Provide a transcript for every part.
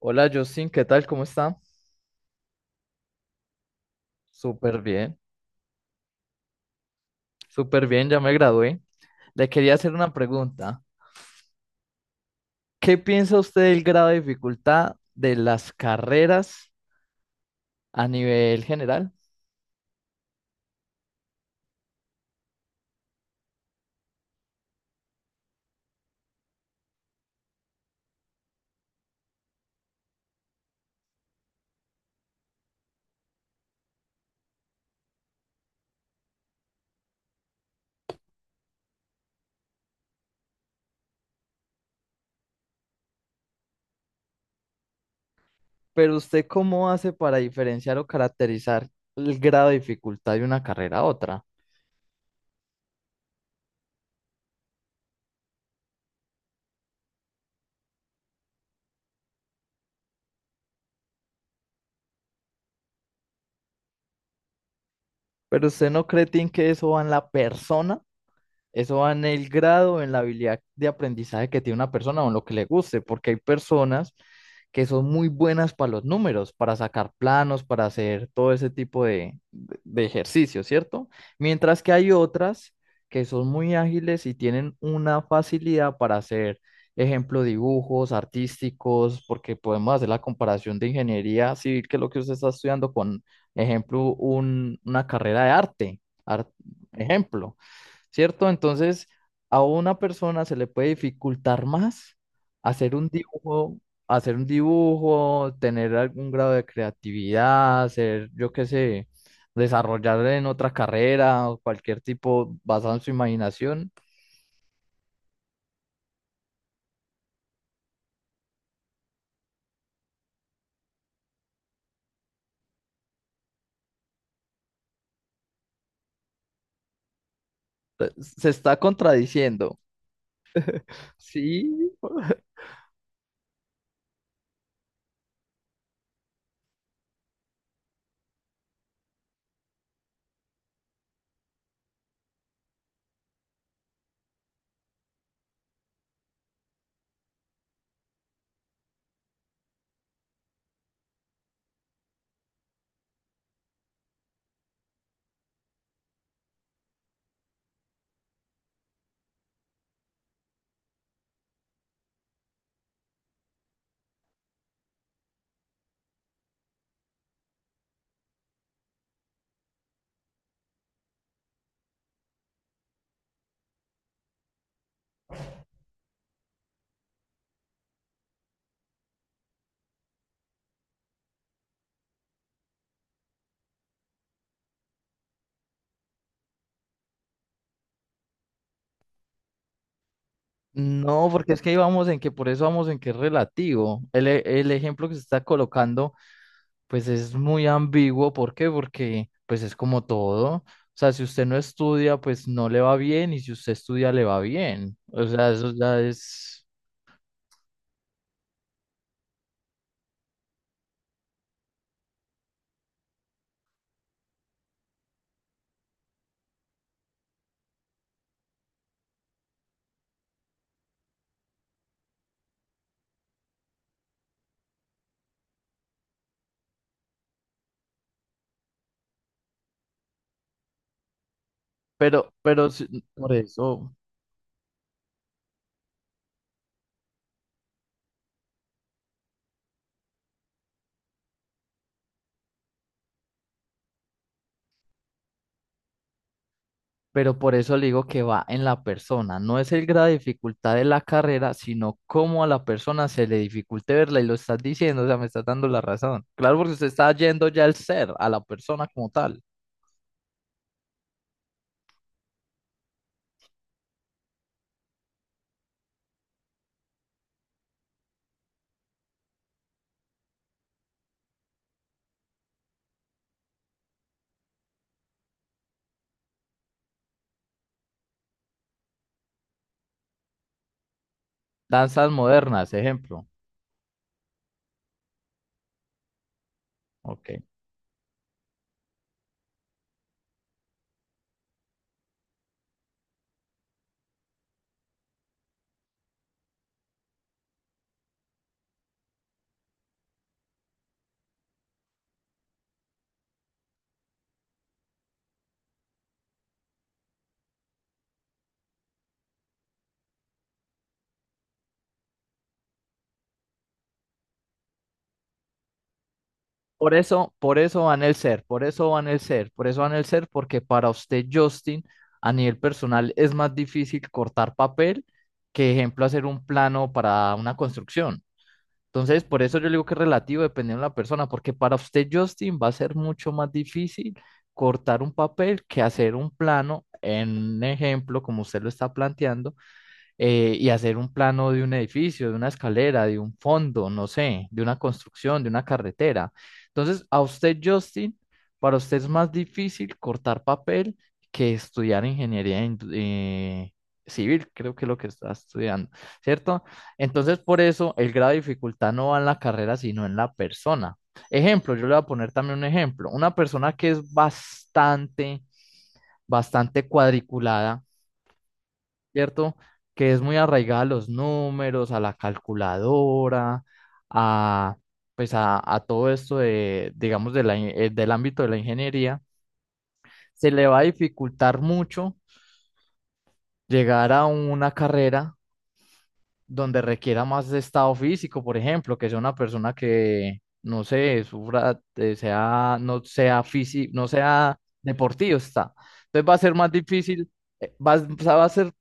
Hola Justin, ¿qué tal? ¿Cómo está? Súper bien, súper bien, ya me gradué. Le quería hacer una pregunta. ¿Qué piensa usted del grado de dificultad de las carreras a nivel general? Pero usted, ¿cómo hace para diferenciar o caracterizar el grado de dificultad de una carrera a otra? Pero usted no cree, Tim, ¿que eso va en la persona? Eso va en el grado, en la habilidad de aprendizaje que tiene una persona o en lo que le guste, porque hay personas que son muy buenas para los números, para sacar planos, para hacer todo ese tipo de, de ejercicios, ¿cierto? Mientras que hay otras que son muy ágiles y tienen una facilidad para hacer, ejemplo, dibujos artísticos, porque podemos hacer la comparación de ingeniería civil, que es lo que usted está estudiando, con, ejemplo, una carrera de arte, ejemplo. ¿Cierto? Entonces, a una persona se le puede dificultar más hacer un dibujo, hacer un dibujo, tener algún grado de creatividad, hacer, yo qué sé, desarrollar en otra carrera o cualquier tipo basado en su imaginación. Se está contradiciendo. Sí. No, porque es que ahí vamos en que por eso vamos en que es relativo. El ejemplo que se está colocando pues es muy ambiguo, ¿por qué? Porque pues es como todo. O sea, si usted no estudia, pues no le va bien, y si usted estudia, le va bien. O sea, eso ya es... Pero, pero si- por eso, pero por eso le digo que va en la persona. No es el grado de dificultad de la carrera, sino cómo a la persona se le dificulte verla, y lo estás diciendo, o sea, me estás dando la razón. Claro, porque usted está yendo ya al ser, a la persona como tal. Danzas modernas, ejemplo. Ok. Por eso van el ser, por eso van el ser, por eso van el ser, porque para usted, Justin, a nivel personal es más difícil cortar papel que, ejemplo, hacer un plano para una construcción. Entonces, por eso yo le digo que es relativo dependiendo de la persona, porque para usted, Justin, va a ser mucho más difícil cortar un papel que hacer un plano, en un ejemplo, como usted lo está planteando, y hacer un plano de un edificio, de una escalera, de un fondo, no sé, de una construcción, de una carretera. Entonces, a usted, Justin, para usted es más difícil cortar papel que estudiar civil, creo que es lo que está estudiando, ¿cierto? Entonces, por eso el grado de dificultad no va en la carrera, sino en la persona. Ejemplo, yo le voy a poner también un ejemplo. Una persona que es bastante, bastante cuadriculada, ¿cierto? Que es muy arraigada a los números, a la calculadora, a, pues a todo esto de, digamos, del ámbito de la ingeniería, se le va a dificultar mucho llegar a una carrera donde requiera más de estado físico, por ejemplo, que sea una persona que, no sé, sufra, no sea físico, no sea deportista. Entonces va a ser más difícil, va a ser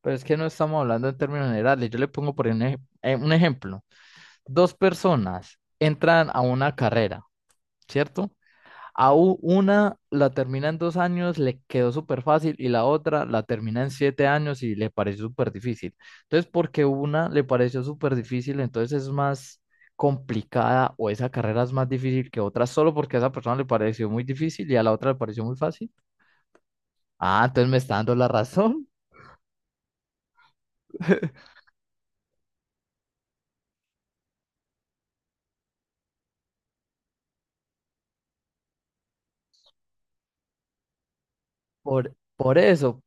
Pero es que no estamos hablando en términos generales. Yo le pongo por un ejemplo. Dos personas entran a una carrera, ¿cierto? A una la termina en dos años, le quedó súper fácil y la otra la termina en siete años y le pareció súper difícil. Entonces, porque una le pareció súper difícil, entonces es más complicada o esa carrera es más difícil que otra solo porque a esa persona le pareció muy difícil y a la otra le pareció muy fácil. Ah, entonces me está dando la razón. Por eso,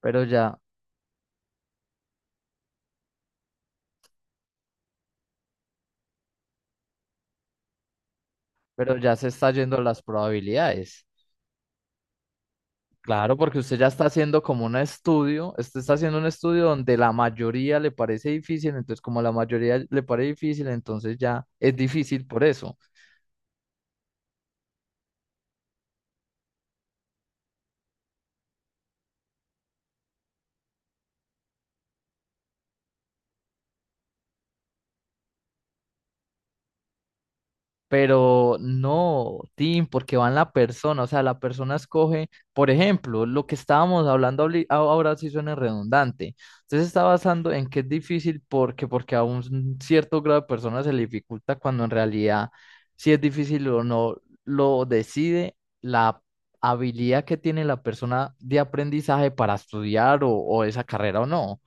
pero ya. Pero ya se está yendo las probabilidades. Claro, porque usted ya está haciendo como un estudio, usted está haciendo un estudio donde la mayoría le parece difícil, entonces como la mayoría le parece difícil, entonces ya es difícil por eso. Pero no, Tim, porque va en la persona, o sea, la persona escoge, por ejemplo, lo que estábamos hablando ahora sí suena redundante. Usted se está basando en que es difícil porque, porque a un cierto grado de personas se le dificulta cuando en realidad si es difícil o no, lo decide la habilidad que tiene la persona de aprendizaje para estudiar o esa carrera o no.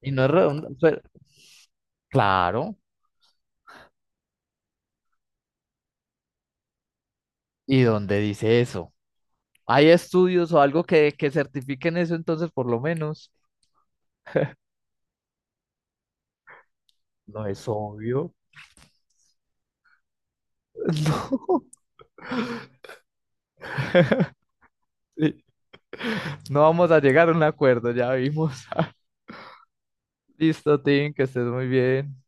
Y no es redundante, claro, ¿y dónde dice eso? Hay estudios o algo que certifiquen eso, entonces por lo menos. No es obvio. No, sí, no vamos a llegar a un acuerdo, ya vimos. Listo, Tim, que estés muy bien.